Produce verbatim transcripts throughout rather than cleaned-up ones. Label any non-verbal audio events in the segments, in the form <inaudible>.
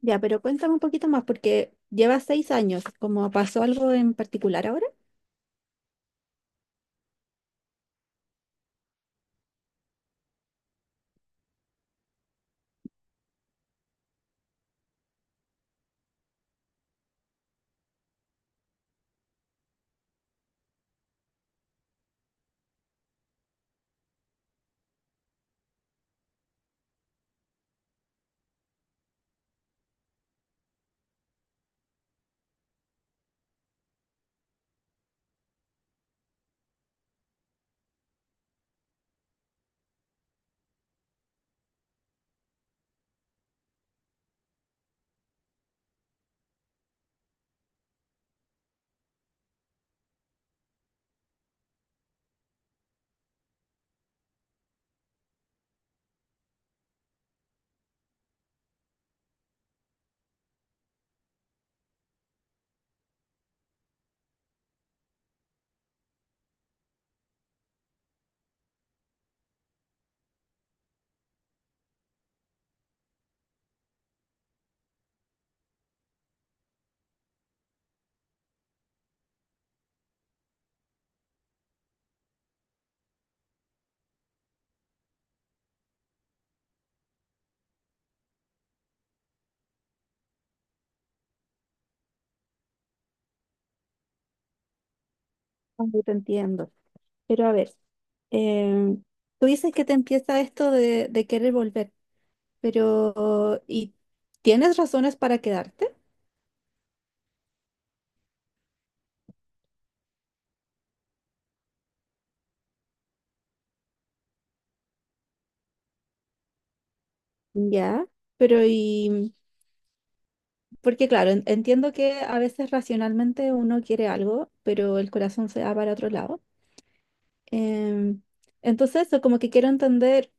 Ya, pero cuéntame un poquito más, porque llevas seis años, como pasó algo en particular ahora. Aunque te entiendo. Pero a ver, eh, tú dices que te empieza esto de, de querer volver, pero ¿y tienes razones para quedarte? Ya, pero ¿y, porque claro, en- entiendo que a veces racionalmente uno quiere algo, pero el corazón se va para otro lado. Em, entonces, eso como que quiero entender,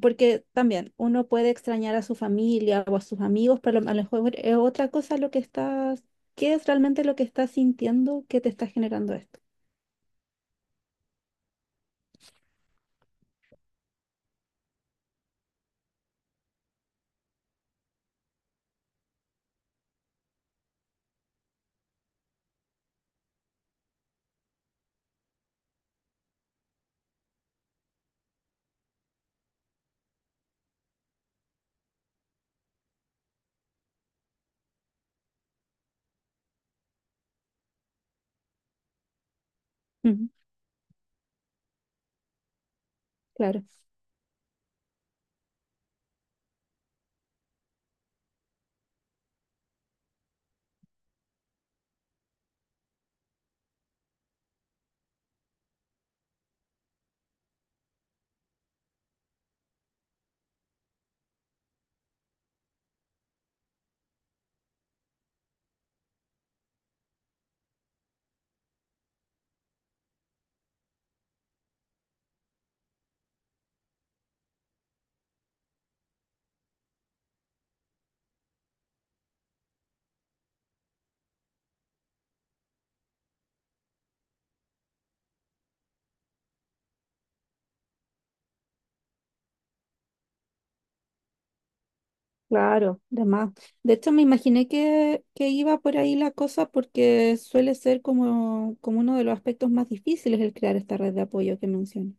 porque también uno puede extrañar a su familia o a sus amigos, pero a lo mejor es otra cosa lo que estás, ¿qué es realmente lo que estás sintiendo que te está generando esto? Ujú. Claro, claro, de más. De hecho, me imaginé que, que iba por ahí la cosa porque suele ser como, como uno de los aspectos más difíciles el crear esta red de apoyo que mencionas.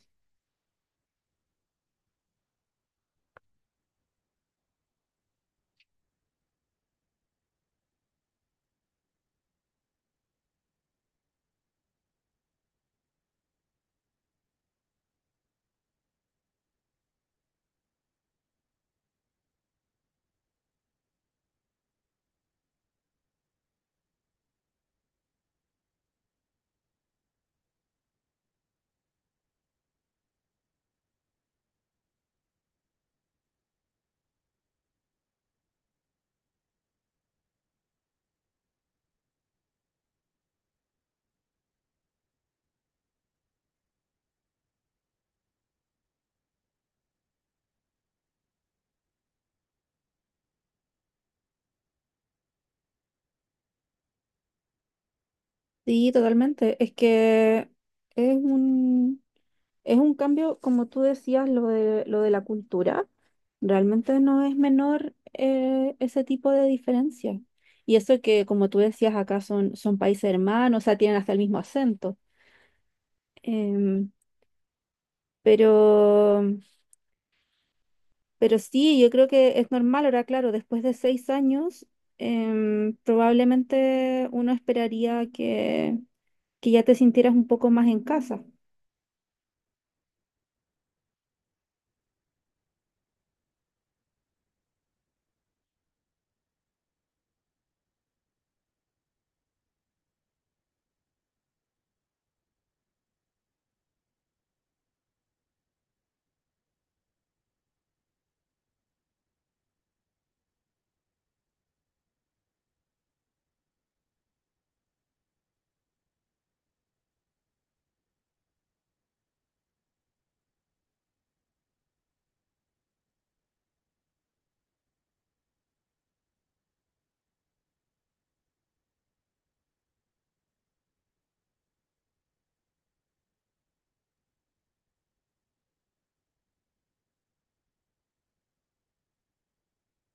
Sí, totalmente. Es que es un, es un cambio, como tú decías, lo de, lo de la cultura. Realmente no es menor eh, ese tipo de diferencia. Y eso que, como tú decías, acá son, son países hermanos, o sea, tienen hasta el mismo acento. Em, pero, pero sí, yo creo que es normal. Ahora, claro, después de seis años, em, probablemente uno esperaría que, que ya te sintieras un poco más en casa.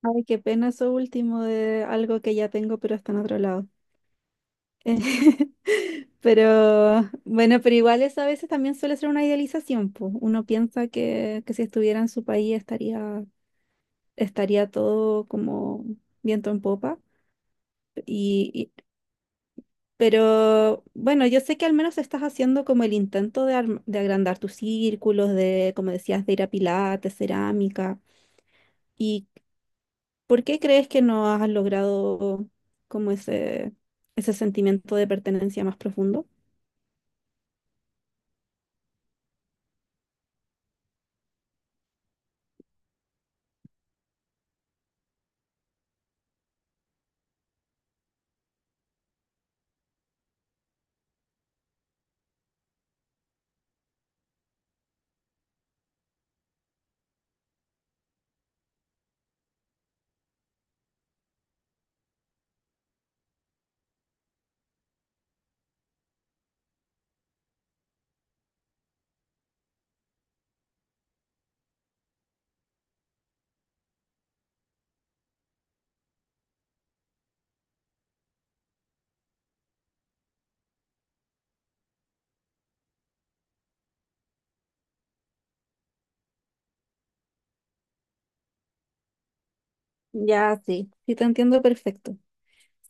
Ay, qué pena eso último de algo que ya tengo, pero está en otro lado. <laughs> Pero bueno, pero igual eso a veces también suele ser una idealización, pues. Uno piensa que, que si estuviera en su país estaría, estaría todo como viento en popa. Y, y- pero bueno, yo sé que al menos estás haciendo como el intento de, arm- de agrandar tus círculos, de, como decías, de ir a pilates, cerámica. ¿Y por qué crees que no has logrado como ese, ese sentimiento de pertenencia más profundo? Ya, sí. Sí, te entiendo perfecto.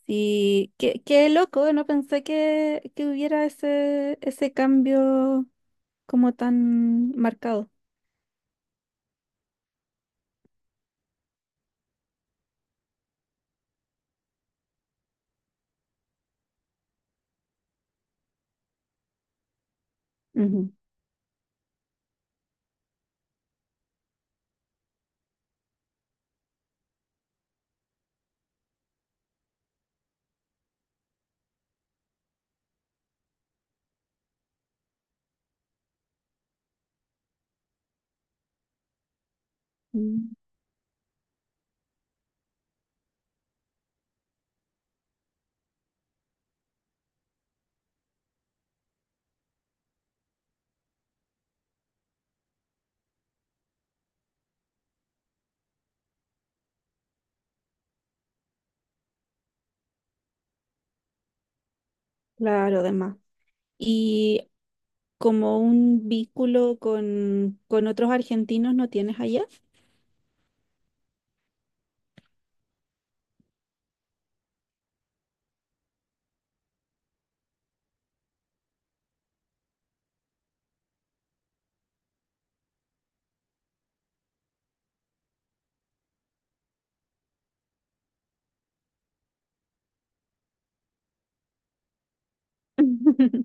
Sí, qué, qué loco, no pensé que, que hubiera ese, ese cambio como tan marcado. Ujú. Mm. Claro, demás. Y como un vínculo con, con otros argentinos no tienes allá. <laughs>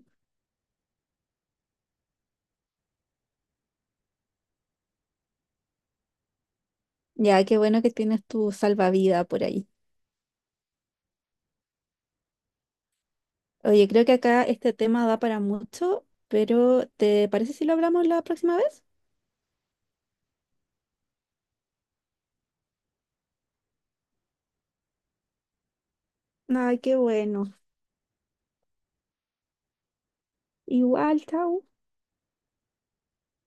Ya, qué bueno que tienes tu salvavidas por ahí. Oye, creo que acá este tema da para mucho, pero ¿te parece si lo hablamos la próxima vez? Ay, qué bueno. Igual, chao.